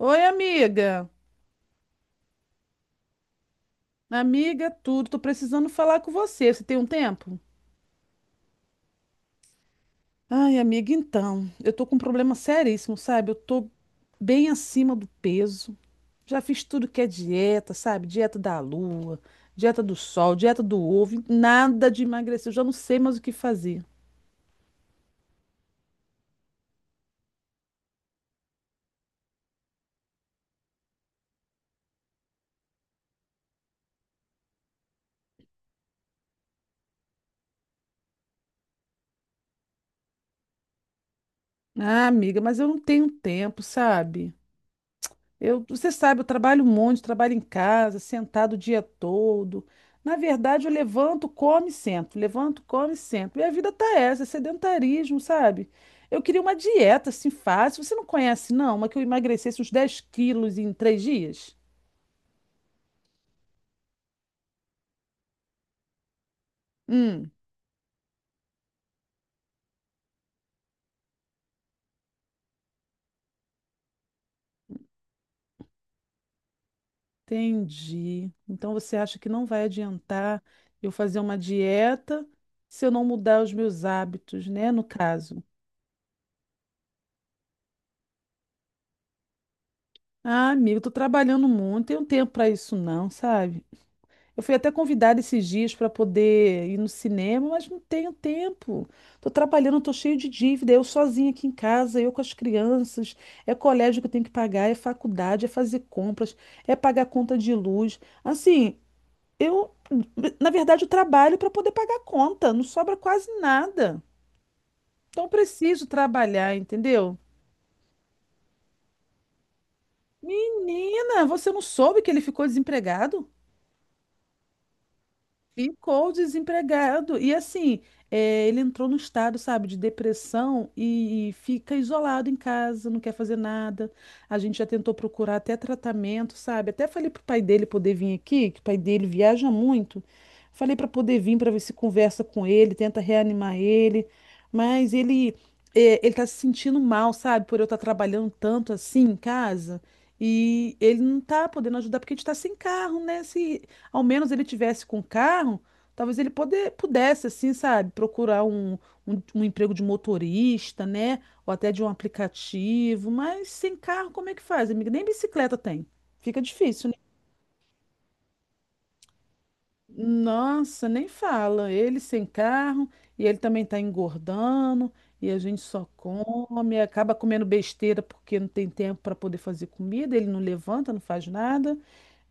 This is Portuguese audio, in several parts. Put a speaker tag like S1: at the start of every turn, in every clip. S1: Oi, amiga. Amiga, tudo. Tô precisando falar com você. Você tem um tempo? Ai, amiga, então. Eu tô com um problema seríssimo, sabe? Eu tô bem acima do peso. Já fiz tudo que é dieta, sabe? Dieta da lua, dieta do sol, dieta do ovo. Nada de emagrecer. Eu já não sei mais o que fazer. Ah, amiga, mas eu não tenho tempo, sabe? Eu, você sabe, eu trabalho um monte, trabalho em casa, sentado o dia todo. Na verdade, eu levanto, como e sento, levanto, como e sento. Minha vida tá essa, é sedentarismo, sabe? Eu queria uma dieta assim fácil. Você não conhece, não? Uma que eu emagrecesse uns 10 quilos em 3 dias? Hum, entendi. Então você acha que não vai adiantar eu fazer uma dieta se eu não mudar os meus hábitos, né? No caso. Ah, amigo, tô trabalhando muito, não tenho tempo para isso, não, sabe? Eu fui até convidada esses dias para poder ir no cinema, mas não tenho tempo. Tô trabalhando, tô cheio de dívida, eu sozinha aqui em casa, eu com as crianças. É colégio que eu tenho que pagar, é faculdade, é fazer compras, é pagar conta de luz. Assim, eu, na verdade, eu trabalho para poder pagar conta, não sobra quase nada. Então eu preciso trabalhar, entendeu? Menina, você não soube que ele ficou desempregado? Ficou desempregado. E assim, ele entrou num estado, sabe, de depressão e fica isolado em casa, não quer fazer nada. A gente já tentou procurar até tratamento, sabe? Até falei pro pai dele poder vir aqui, que o pai dele viaja muito. Falei para poder vir para ver se conversa com ele, tenta reanimar ele. Mas ele tá se sentindo mal, sabe, por eu estar trabalhando tanto assim em casa. E ele não tá podendo ajudar porque a gente tá sem carro, né? Se ao menos ele tivesse com carro, talvez ele pudesse, assim, sabe, procurar um emprego de motorista, né? Ou até de um aplicativo. Mas sem carro, como é que faz, amiga? Nem bicicleta tem. Fica difícil, né? Nossa, nem fala. Ele sem carro e ele também tá engordando e a gente só come, acaba comendo besteira porque não tem tempo para poder fazer comida, ele não levanta, não faz nada.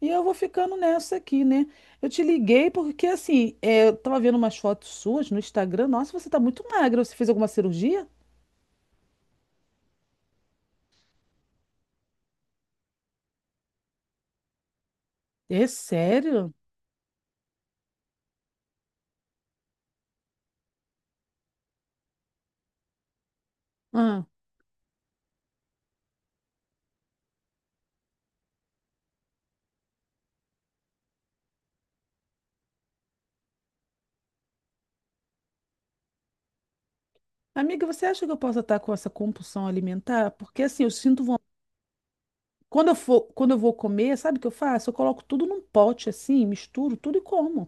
S1: E eu vou ficando nessa aqui, né? Eu te liguei porque, assim, eu tava vendo umas fotos suas no Instagram. Nossa, você tá muito magra. Você fez alguma cirurgia? É sério? Ah. Amiga, você acha que eu posso estar com essa compulsão alimentar? Porque, assim, eu sinto vontade. Quando eu vou comer, sabe o que eu faço? Eu coloco tudo num pote, assim, misturo tudo e como.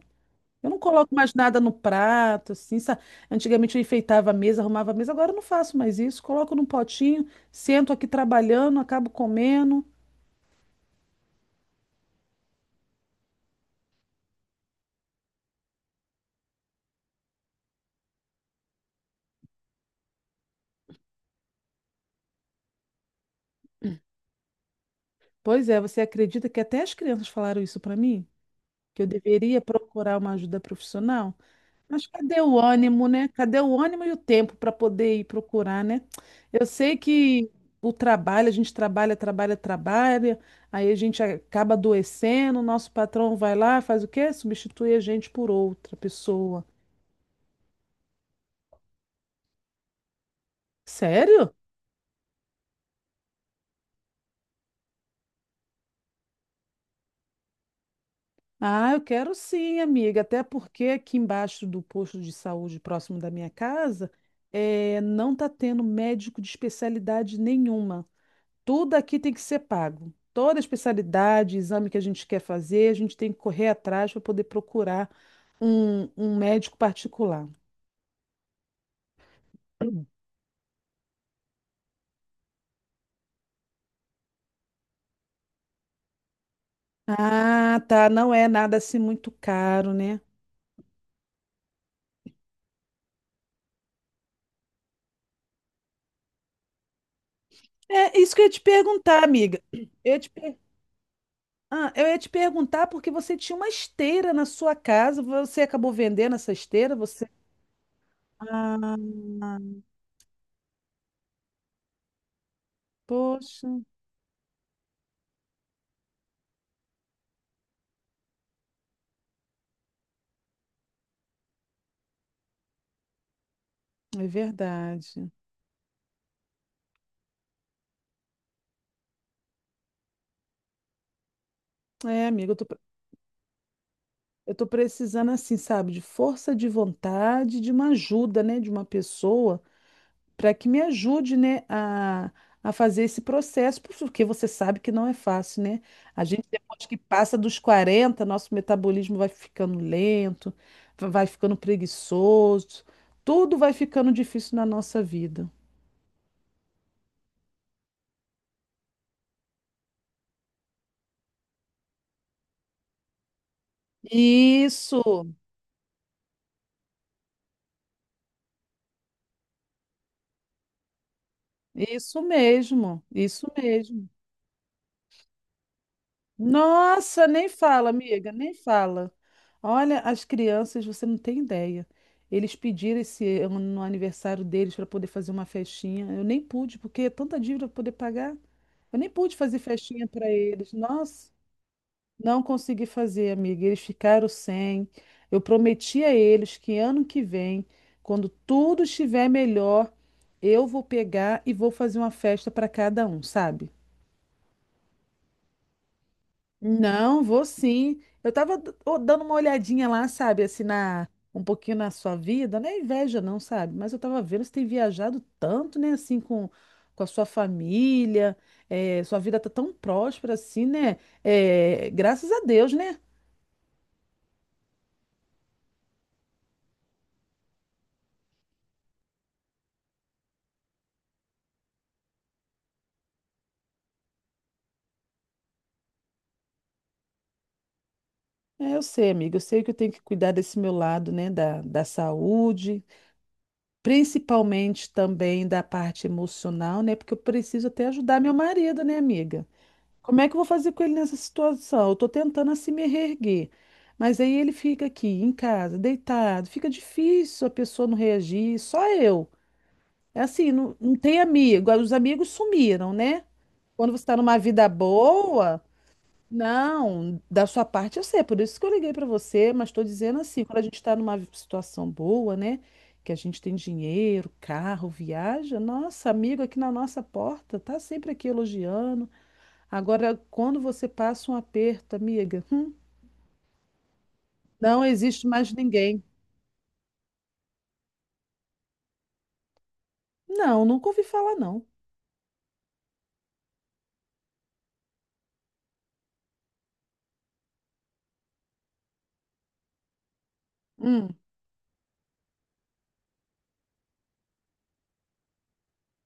S1: Eu não coloco mais nada no prato, assim, sabe? Antigamente eu enfeitava a mesa, arrumava a mesa, agora eu não faço mais isso. Coloco num potinho, sento aqui trabalhando, acabo comendo. Pois é, você acredita que até as crianças falaram isso para mim? Que eu deveria procurar uma ajuda profissional? Mas cadê o ânimo, né? Cadê o ânimo e o tempo para poder ir procurar, né? Eu sei que o trabalho, a gente trabalha, trabalha, trabalha, aí a gente acaba adoecendo, o nosso patrão vai lá, faz o quê? Substitui a gente por outra pessoa. Sério? Ah, eu quero sim, amiga. Até porque aqui embaixo do posto de saúde próximo da minha casa, não está tendo médico de especialidade nenhuma. Tudo aqui tem que ser pago. Toda especialidade, exame que a gente quer fazer, a gente tem que correr atrás para poder procurar um médico particular. Ah, tá. Não é nada assim muito caro, né? É isso que eu ia te perguntar, amiga. Ia te eu ia te perguntar porque você tinha uma esteira na sua casa, você acabou vendendo essa esteira, você. Ah, poxa, é verdade. É, amiga, eu tô precisando, assim, sabe, de força de vontade, de uma ajuda, né, de uma pessoa para que me ajude, né, a fazer esse processo, porque você sabe que não é fácil, né? A gente, depois que passa dos 40, nosso metabolismo vai ficando lento, vai ficando preguiçoso, tudo vai ficando difícil na nossa vida. Isso, isso mesmo, isso mesmo. Nossa, nem fala, amiga, nem fala. Olha, as crianças, você não tem ideia. Eles pediram esse ano no aniversário deles para poder fazer uma festinha. Eu nem pude, porque é tanta dívida para poder pagar. Eu nem pude fazer festinha para eles. Nossa, não consegui fazer, amiga. Eles ficaram sem. Eu prometi a eles que ano que vem, quando tudo estiver melhor, eu vou pegar e vou fazer uma festa para cada um, sabe? Não, vou sim. Eu tava dando uma olhadinha lá, sabe, assim, um pouquinho na sua vida, não é inveja não, sabe? Mas eu tava vendo, você tem viajado tanto, né, assim, com a sua família, é, sua vida tá tão próspera assim, né? É, graças a Deus, né? É, eu sei, amiga, eu sei que eu tenho que cuidar desse meu lado, né, da saúde, principalmente também da parte emocional, né, porque eu preciso até ajudar meu marido, né, amiga? Como é que eu vou fazer com ele nessa situação? Eu tô tentando assim me reerguer. Mas aí ele fica aqui em casa, deitado. Fica difícil a pessoa não reagir, só eu. É assim, não, não tem amigo. Os amigos sumiram, né? Quando você tá numa vida boa, não, da sua parte eu sei, por isso que eu liguei pra você, mas tô dizendo assim, quando a gente tá numa situação boa, né? Que a gente tem dinheiro, carro, viaja, nossa, amigo aqui na nossa porta, tá sempre aqui elogiando. Agora, quando você passa um aperto, amiga, não existe mais ninguém. Não, nunca ouvi falar, não. Hum.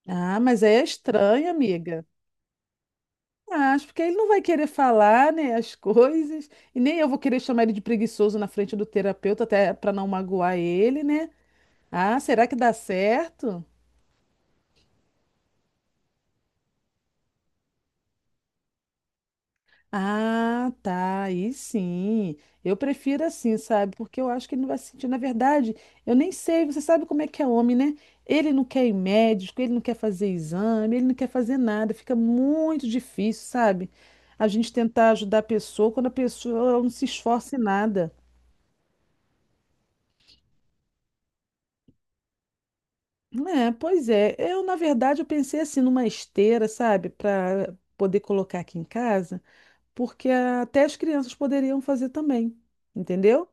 S1: Ah, mas aí é estranho, amiga. Acho, porque ele não vai querer falar, né, as coisas, e nem eu vou querer chamar ele de preguiçoso na frente do terapeuta, até para não magoar ele, né? Ah, será que dá certo? Ah, tá, aí sim. Eu prefiro assim, sabe? Porque eu acho que ele não vai se sentir. Na verdade, eu nem sei, você sabe como é que é homem, né? Ele não quer ir médico, ele não quer fazer exame, ele não quer fazer nada. Fica muito difícil, sabe? A gente tentar ajudar a pessoa quando a pessoa não se esforça em nada. É, pois é. Na verdade, eu pensei assim numa esteira, sabe? Para poder colocar aqui em casa, porque até as crianças poderiam fazer também, entendeu?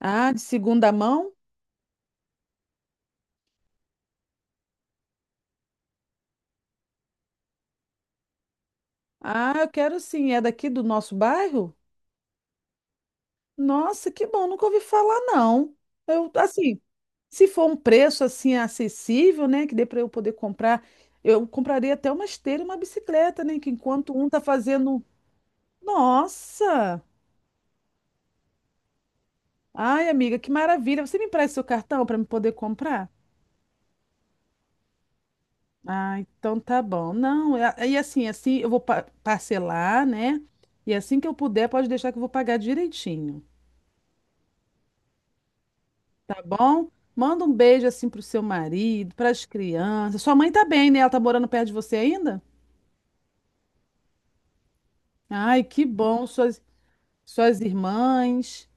S1: Ah, de segunda mão? Ah, eu quero sim. É daqui do nosso bairro? Nossa, que bom, nunca ouvi falar, não. Assim, se for um preço assim acessível, né, que dê para eu poder comprar, eu compraria até uma esteira e uma bicicleta, né, que enquanto um tá fazendo. Nossa! Ai, amiga, que maravilha. Você me empresta seu cartão para me poder comprar? Ah, então tá bom. Não, e assim eu vou parcelar, né? E assim que eu puder, pode deixar que eu vou pagar direitinho. Tá bom? Manda um beijo assim pro seu marido, pras crianças. Sua mãe tá bem, né? Ela tá morando perto de você ainda? Ai, que bom, suas irmãs.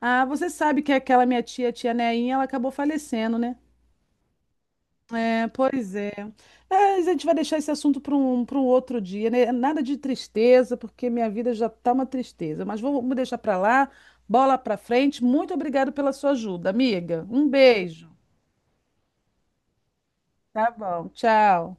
S1: Ah, você sabe que aquela minha tia, tia Neinha, ela acabou falecendo, né? É, pois é. É, a gente vai deixar esse assunto para um outro dia, né? Nada de tristeza, porque minha vida já tá uma tristeza. Mas vamos deixar para lá, bola para frente. Muito obrigada pela sua ajuda, amiga. Um beijo. Tá bom, tchau.